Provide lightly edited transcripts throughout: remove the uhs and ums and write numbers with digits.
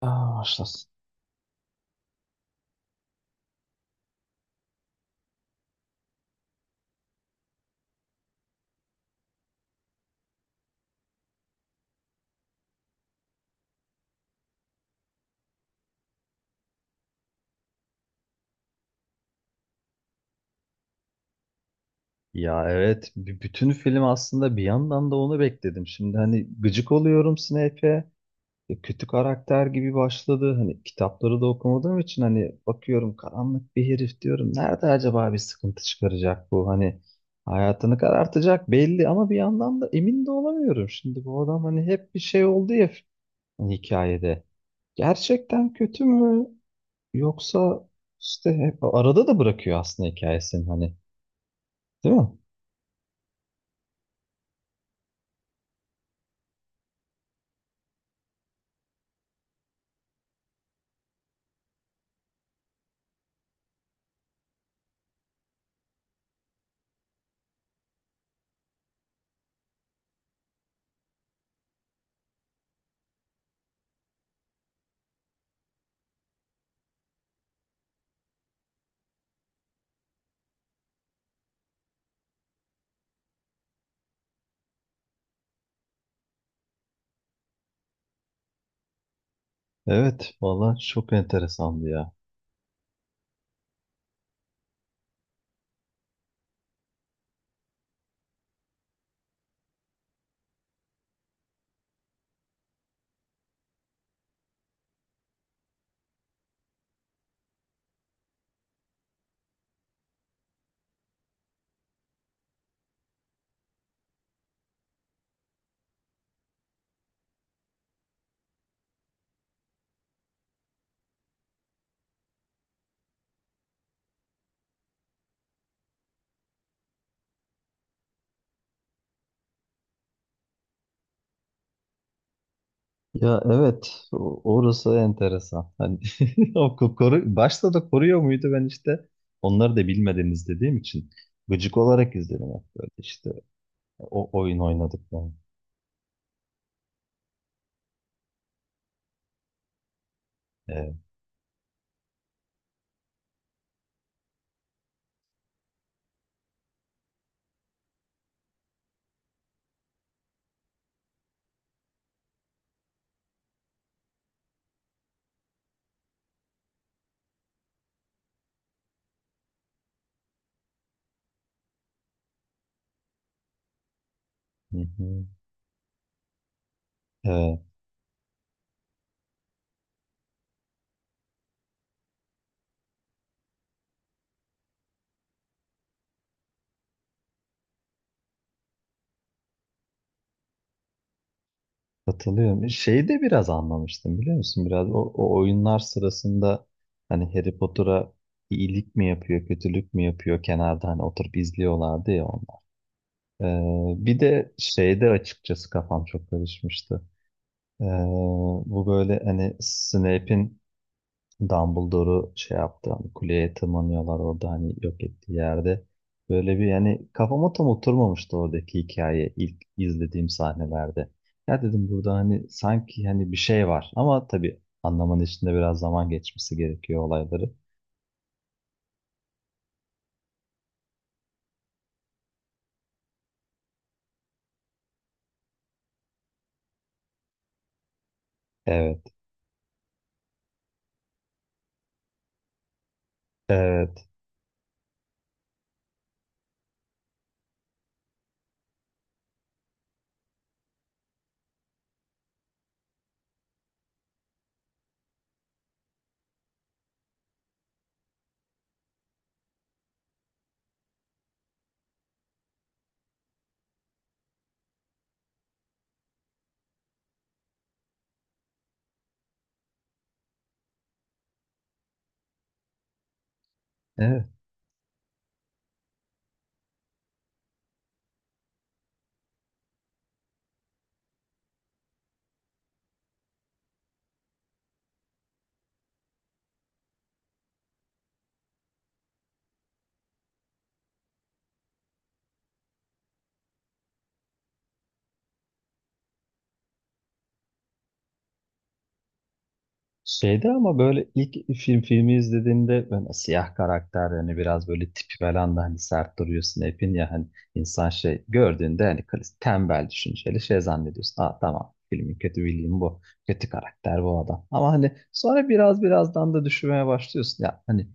Başlasın. Ya evet, bütün film aslında bir yandan da onu bekledim. Şimdi hani gıcık oluyorum Snape'e. Kötü karakter gibi başladı. Hani kitapları da okumadığım için hani bakıyorum karanlık bir herif diyorum. Nerede acaba bir sıkıntı çıkaracak bu? Hani hayatını karartacak belli ama bir yandan da emin de olamıyorum. Şimdi bu adam hani hep bir şey oldu ya hani hikayede. Gerçekten kötü mü? Yoksa işte hep arada da bırakıyor aslında hikayesini hani. Değil mi? Evet, valla çok enteresandı ya. Ya evet, orası enteresan. Hani o koru, başta da koruyor muydu ben işte onları da bilmeden izlediğim için gıcık olarak izledim hep böyle işte o oyun oynadık ben. Evet, hı hı. Evet, katılıyorum. Şeyi de biraz anlamıştım biliyor musun? Biraz o oyunlar sırasında hani Harry Potter'a iyilik mi yapıyor, kötülük mü yapıyor kenarda hani oturup izliyorlardı ya. Bir de şeyde açıkçası kafam çok karışmıştı. Ee, Bu böyle hani Snape'in Dumbledore'u şey yaptı, hani kuleye tırmanıyorlar orada hani yok ettiği yerde. Böyle bir yani kafama tam oturmamıştı oradaki hikaye ilk izlediğim sahnelerde. Ya dedim burada hani sanki hani bir şey var ama tabii anlamanın içinde biraz zaman geçmesi gerekiyor olayları. Evet, evet. Evet. Şeyde ama böyle ilk filmi izlediğimde ben siyah karakter yani biraz böyle tipi falan da hani sert duruyor Snape'in ya hani insan şey gördüğünde hani tembel düşünceli şey zannediyorsun. Aa tamam filmin kötü bildiğim bu. Kötü karakter bu adam. Ama hani sonra birazdan da düşünmeye başlıyorsun. Ya hani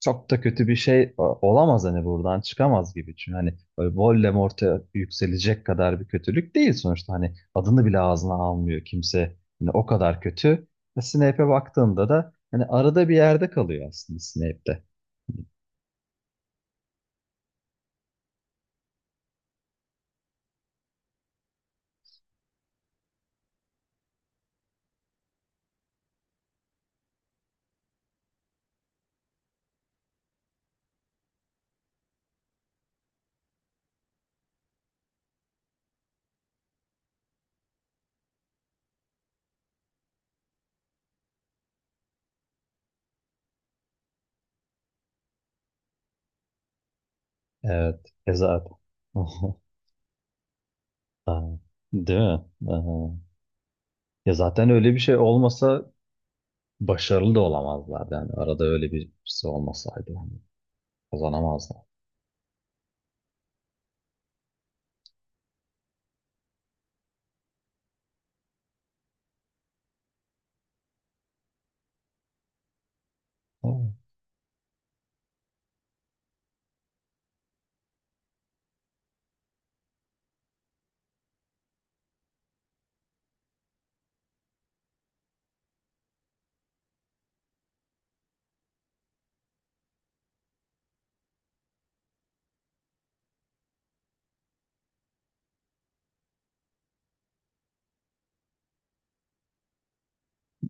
çok da kötü bir şey olamaz hani buradan çıkamaz gibi. Çünkü hani böyle Voldemort'a yükselecek kadar bir kötülük değil sonuçta. Hani adını bile ağzına almıyor kimse. Hani o kadar kötü. Snape'e baktığında da hani arada bir yerde kalıyor aslında Snape'de. Evet. E zaten. Aa, Değil mi? Aha. Ya zaten öyle bir şey olmasa başarılı da olamazlardı. Yani arada öyle birisi olmasaydı yani kazanamazlar. Ama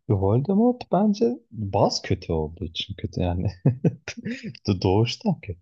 Voldemort bence baz kötü olduğu için kötü yani. Doğuştan kötü.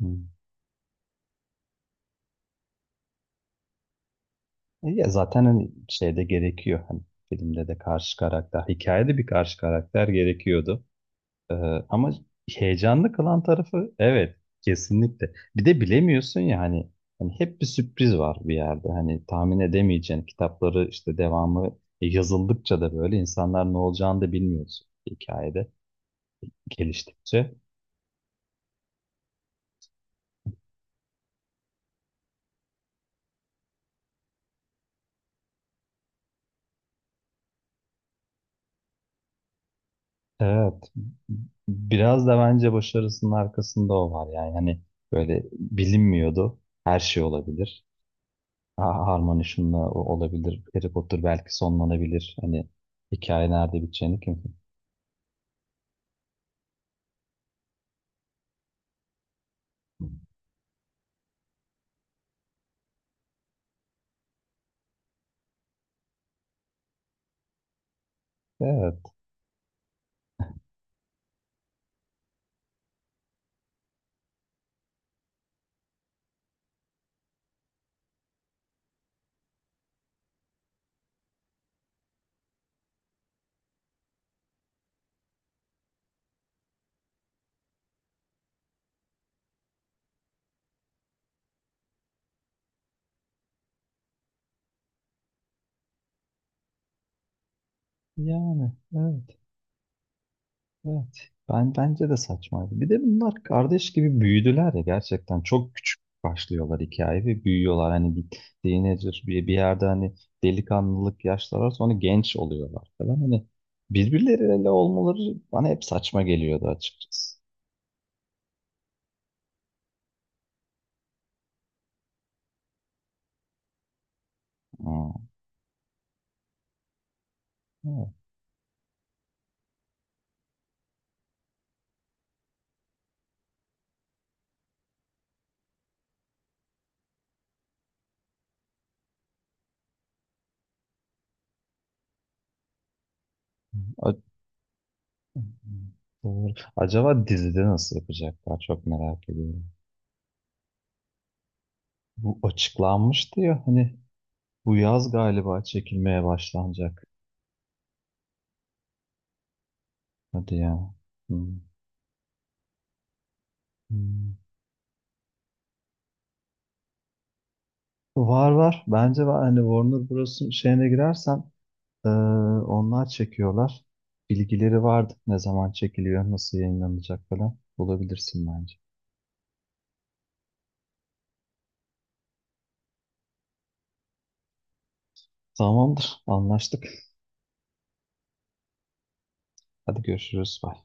Hmm. E ya zaten hani şeyde gerekiyor. Hani filmde de karşı karakter, hikayede bir karşı karakter gerekiyordu. Ee, ama heyecanlı kılan tarafı evet kesinlikle. Bir de bilemiyorsun ya hani, hani hep bir sürpriz var bir yerde. Hani tahmin edemeyeceğin kitapları işte devamı yazıldıkça da böyle insanlar ne olacağını da bilmiyorsun hikayede geliştikçe. Evet, biraz da bence başarısının arkasında o var yani hani böyle bilinmiyordu, her şey olabilir. Harmony şununla olabilir. Harry Potter belki sonlanabilir. Hani hikaye nerede biteceğini kim bilir. Evet. Yani evet, evet. Ben bence de saçmaydı. Bir de bunlar kardeş gibi büyüdüler ya, gerçekten çok küçük başlıyorlar hikaye ve büyüyorlar. Hani bir teenager bir yerde hani delikanlılık yaşları var, sonra genç oluyorlar falan. Hani birbirleriyle olmaları bana hep saçma geliyordu açıkçası. Hmm. Evet. A- Doğru. Acaba dizide nasıl yapacaklar çok merak ediyorum. Bu açıklanmıştı ya hani bu yaz galiba çekilmeye başlanacak. Hadi ya. Hmm. Hmm. Var var. Bence var. Hani Warner Bros'un şeyine girersen eee, onlar çekiyorlar. Bilgileri vardı. Ne zaman çekiliyor, nasıl yayınlanacak falan. Bulabilirsin bence. Tamamdır. Anlaştık. Hadi görüşürüz. Bye.